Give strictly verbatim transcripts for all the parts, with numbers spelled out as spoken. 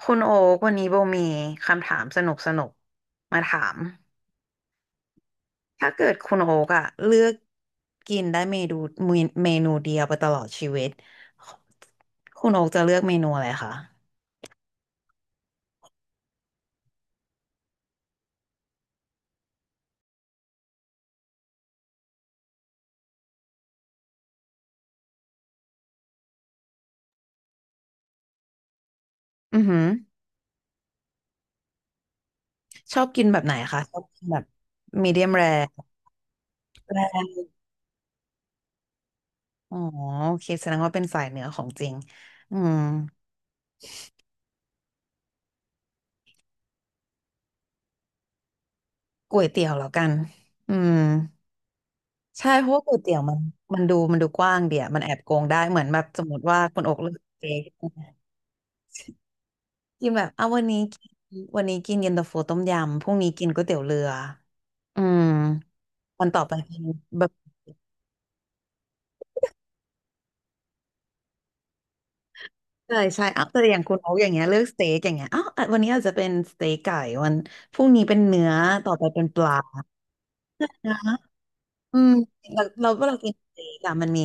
คุณโอ๊กวันนี้โบมีคำถามสนุกสนุกมาถาม ถ้าเกิดคุณโอ๊กอะเลือกกินได้เมนูเมนูเดียวไปตลอดชีวิตคุณโอ๊กจะเลือกเมนูอะไรคะ อือหือชอบกินแบบไหนคะชอบกินแบบมีเดียมแรแรอ๋อโอเคแสดงว่าเป็นสายเหนือของจริงอืมก๋วยเตี๋ยวแล้วกันอืมใช่เพราะว่าก๋วยเตี๋ยวมันมันดูมันดูกว้างเดียวมันแอบโกงได้เหมือนแบบสมมติว่าคุณโอ๊กเลือกสเต็ก กินแบบเอาวันนี้กินวันนี้กินเย็นตาโฟต้มยำพรุ่งนี้กินก๋วยเตี๋ยวเรืออืมวันต่อไปกินแบบใช่ใช่เอาแต่อย่างคุณโอ๊กอย่างเงี้ยเลือกสเต็กอย่างเงี้ยอ้าวอ่ะวันนี้อาจจะเป็นสเต็กไก่วันพรุ่งนี้เป็นเนื้อต่อไปเป็นปลานะอืมเราเราเวลากินสเต็กอะมันมี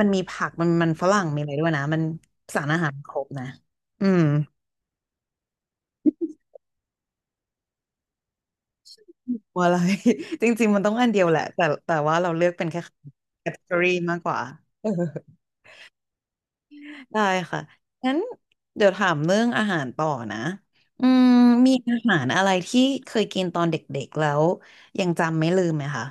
มันมีผักมันมันฝรั่งมีอะไรด้วยนะมันสารอาหารครบนะอืมว่าอะไร จริงๆมันต้องอันเดียวแหละแต่แต่ว่าเราเลือกเป็นแค่ category มากกว่าเออ ได้ค่ะงั้นเดี๋ยวถามเรื่องอาหารต่อนะอืมมีอาหารอะไรที่เคยกินตอนเด็กๆแล้วยังจำไม่ลืมไหมคะ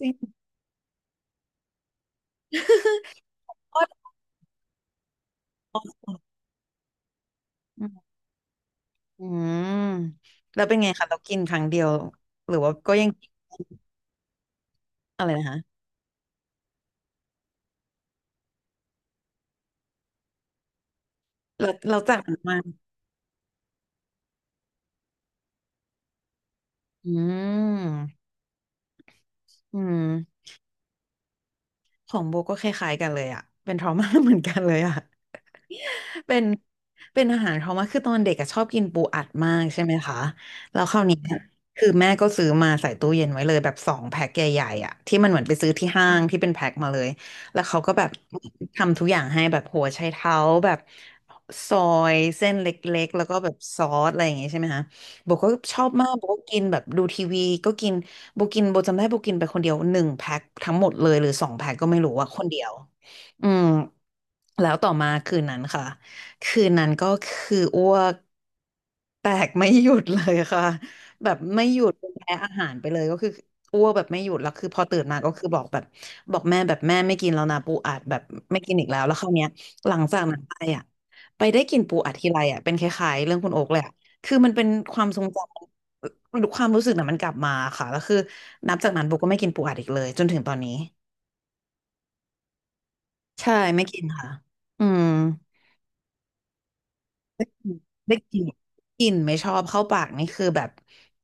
จริง ก็อืมแล้วเป็นไงคะ เรากินครั้งเดียวหรือว่าก็ยังกินอะไรนะคะเราเราจากันมาอืมอืมของโบก็คล้ายๆกันเลยอะเป็นทรอมา เหมือนกันเลยอะ เป็นเป็นอาหารเขามากคือตอนเด็กอะชอบกินปูอัดมากใช่ไหมคะแล้วคราวนี้เนี่ยคือแม่ก็ซื้อมาใส่ตู้เย็นไว้เลยแบบสองแพ็คใหญ่ๆอ่ะที่มันเหมือนไปซื้อที่ห้างที่เป็นแพ็คมาเลยแล้วเขาก็แบบทำทุกอย่างให้แบบหัวไชเท้าแบบซอยเส้นเล็กๆแล้วก็แบบซอสอะไรอย่างงี้ใช่ไหมคะโบก็ชอบมากโบก็กินแบบดูทีวีก็กินโบกินโบจำได้โบกินไปคนเดียวหนึ่งแพ็คทั้งหมดเลยหรือสองแพ็คก็ไม่รู้ว่าคนเดียวอืมแล้วต่อมาคืนนั้นค่ะ คืนนั้นก็คืออ้วกแตกไม่หยุดเลยค่ะ แบบไม่หยุดแพ้อาหารไปเลยก็คืออ้วกแบบไม่หยุดแล้วคือพอตื่นมาก็คือบอกแบบบอกแม่แบบแม่ไม่กินแล้วนะปูอัดแบบไม่กินอีกแล้วแล้วคราวเนี้ยหลังจากนั้นไปอ่ะไปได้กินปูอัดทีไรอ่ะเป็นคล้ายๆเรื่องคุณโอ๊กเลยอ่ะคือมันเป็นความทรงจำความรู้สึกน่ะมันกลับมาค่ะแล้วคือนับจากนั้นโบก็ไม่กินปูอัดอีกเลยจนถึงตอนนี้ใช่ไม่กินค่ะอืม ได้กลิ่นกลิ่นไม่ชอบเข้าปากนี่คือแบบ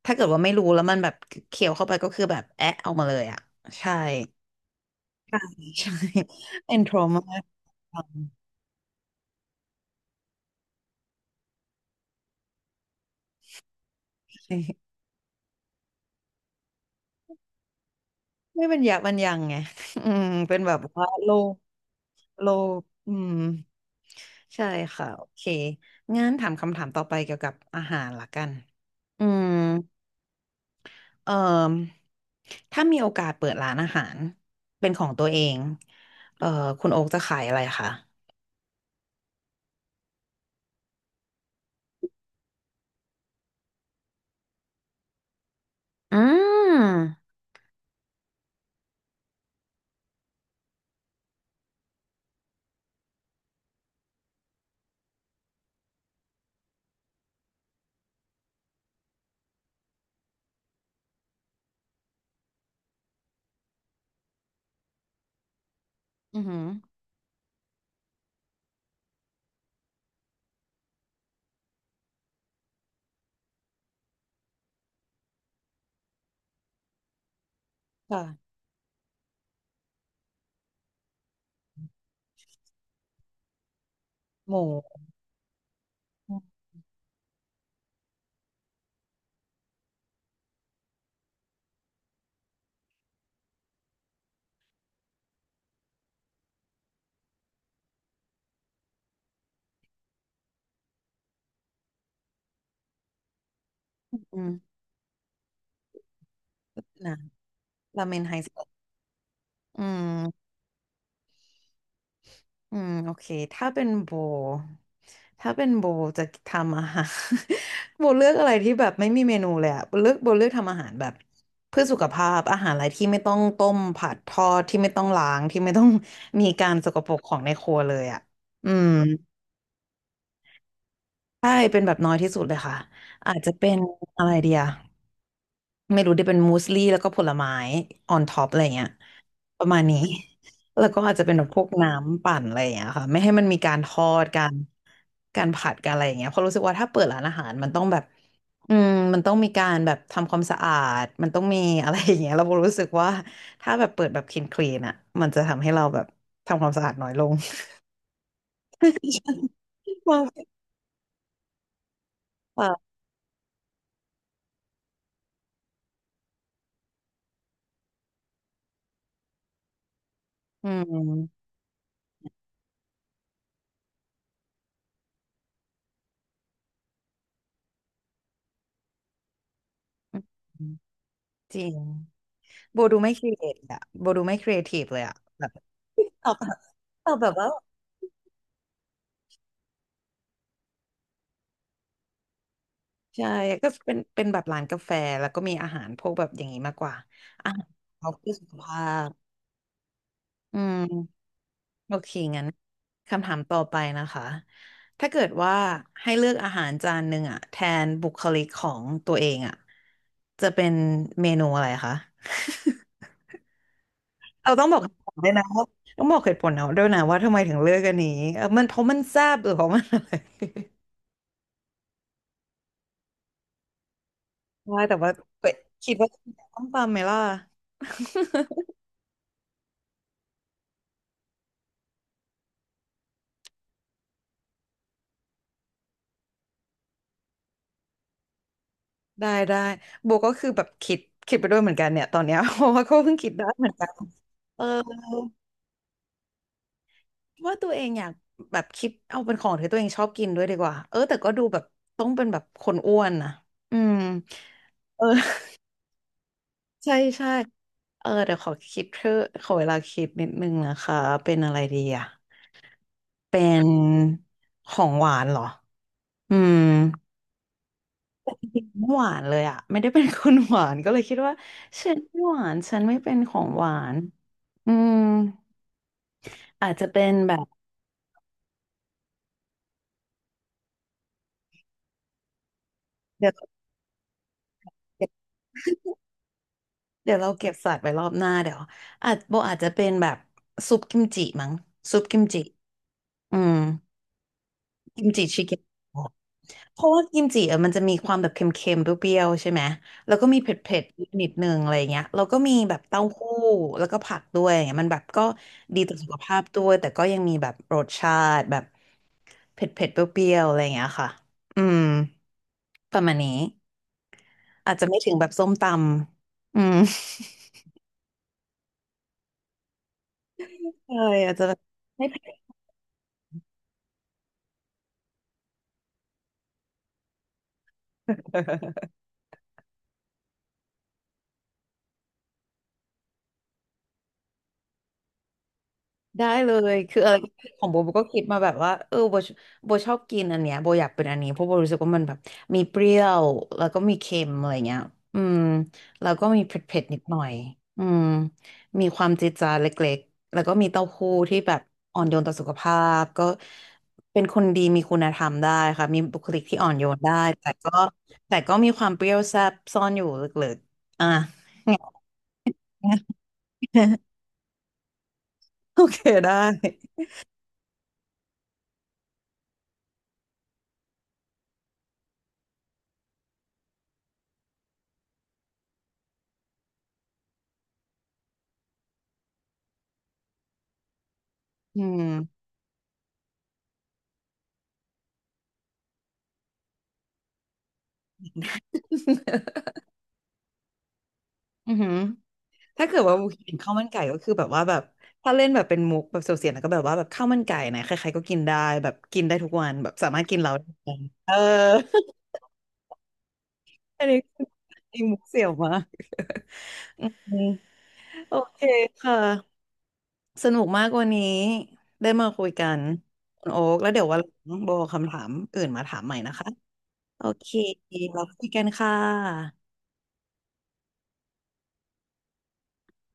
ถ้าเกิดว่าไม่รู้แล้วมันแบบเคี้ยวเข้าไปก็คือแบบแอะเอามาเลยอ่ะใช่ใช่ เป็นโทรมา ใช่ ไม่เป็นยบมันยังไง อืมเป็นแบบว่าโลกโลกอืมใช่ค่ะโอเคงั้นถามคำถามต่อไปเกี่ยวกับอาหารละกันอืม เอ่อถ้ามีโอกาสเปิดร้านอาหารเป็นของตัวเองเอ่อคุณโอ๊กจะขายอะไรคะอืมอือหือค่ะหมูอืมนะราเมนไฮสเปอืม อืมโอเคถ้าเป็นโบถ้าเป็นโบจะทำอาหาร โบเลือกอะไรที่แบบไม่มีเมนูเลยอะโบเลือกโบเลือกทำอาหารแบบเพื่อสุขภาพอาหารอะไรที่ไม่ต้องต้มผัดทอดที่ไม่ต้องล้างที่ไม่ต้องมีการสกปรกของในครัวเลยอะอืมใช่เป็นแบบน้อยที่สุดเลยค่ะอาจจะเป็นอะไรเดีย ไม่รู้ได้เป็นมูสลี่แล้วก็ผลไม้ออนท็อปอะไรเงี้ยประมาณนี้ แล้วก็อาจจะเป็นแบบพวกน้ำปั่นอะไรอย่างเงี้ยค่ะไม่ให้มันมีการทอดการการผัดการอะไรอย่างเงี้ยเพราะรู้สึกว่าถ้าเปิดร้านอาหารมันต้องแบบอืมมันต้องมีการแบบทำความสะอาดมันต้องมีอะไรอย่างเงี้ยเรารู้สึกว่าถ้าแบบเปิดแบบคลีนคลีนอ่ะมันจะทำให้เราแบบทำความสะอาดน้อยลง ว่าค่ะอืมจริงโบดูไม่ครีเอทอะโบดูไม่ครีเอทีฟเลยอะแบบ ตอบตอบแบบว่าใช่ก็เป็นเป็นแบบร้านกาแฟแล้วก็มีอาหารพวกแบบอย่างนี้มากกว่าอาหารเขาเพื่อสุขภาพอืมโอเคงั้นคำถามต่อไปนะคะถ้าเกิดว่าให้เลือกอาหารจานหนึ่งอะแทนบุคลิกของตัวเองอะจะเป็นเมนูอะไรคะ เราต้องบอกเหตุผลด้วยนะว่าต้องบอกเหตุผลเอาด้วยนะว่าทำไมถึงเลือกอันนี้เออมันเพราะมันแซ่บหรือเพราะมันอะไรใช่แต่ว่าเอ้ยคิดว่าต้องตามไหมล่ะ ได้ได้โบก็คือแบบคิดคิดไปด้วยเหมือนกันเนี่ยตอนเนี้ย เพราะว่าก็เพิ่งคิดได้เหมือนกันเออว่าตัวเองอยากแบบคิดเอาเป็นของที่ตัวเองชอบกินด้วยดีกว่าเออแต่ก็ดูแบบต้องเป็นแบบคนอ้วนนะอืมเออ ใช่ใช่เออเดี๋ยวขอคิดเธอะขอเวลาคิดนิดนึงนะคะเป็นอะไรดีอ่ะเป็นของหวานเหรออืม ไม่หวานเลยอ่ะไม่ได้เป็นคนหวานก็เลยคิดว่าฉันไม่หวานฉันไม่เป็นของหวานอืมอาจจะเป็นแบบเดี๋ยวเดี๋ เดี๋ยวเราเก็บสัตว์ไว้รอบหน้าเดี๋ยวอาจโบอาจจะเป็นแบบซุปกิมจิมั้งซุปกิมจิอืม กิมจิชิเกนเพราะว่ากิมจิอะมันจะมีความแบบเค็มๆเปรี้ยวๆใช่ไหมแล้วก็มีเผ็ดๆนิดนึงอะไรเงี้ยแล้วก็มีแบบเต้าหู้แล้วก็ผักด้วยอย่างเงี้ยมันแบบก็ดีต่อสุขภาพด้วยแต่ก็ยังมีแบบรสชาติแบบเผ็ดๆเปรี้ยวๆอะไรเงี้ยค่ะอืมประมาณนี้อาจจะไม่ถึงแบบส้มตำอืม ใช่อาจจะแบบไม่เผ็ด ได้เลยคืออะไรของโบโบก็คิดมาแบบว่าเออโบโบชอบกินอันเนี้ยโบอยากเป็นอันนี้เพราะโบรู้สึกว่ามันแบบมีเปรี้ยวแล้วก็มีเค็มอะไรเงี้ยอืมแล้วก็มีเผ็ดๆนิดหน่อยอืมมีความจี๊ดจ๊าดเล็กๆแล้วก็มีเต้าหู้ที่แบบอ่อนโยนต่อสุขภาพก็เป็นคนดีมีคุณธรรมได้ค่ะมีบุคลิกที่อ่อนโยนได้แต่ก็แต่ก็มีความเปรี้ยวแซ่บซ่อนอยู่ลึกๆอ่ะ โอเคได้อืม อือหือถ้าเกิดว่าเห็นข้าวมันไก่ก็คือแบบว่าแบบถ้าเล่นแบบเป็นมุกแบบเสียวๆแล้วก็แบบว่าแบบข้าวมันไก่นะใครๆก็กินได้แบบกินได้ทุกวันแบบสามารถกินเราได้ทุกวันเออ อันนี้คือมีมุกเสียวมากอืมโอเคค่ะสนุกมากวันนี้ได้มาคุยกันคุณโอ๊กแล้วเดี๋ยววันหลังโบเอาคำถามอื่นมาถามใหม่นะคะ โอเคเราคุยกันค่ะ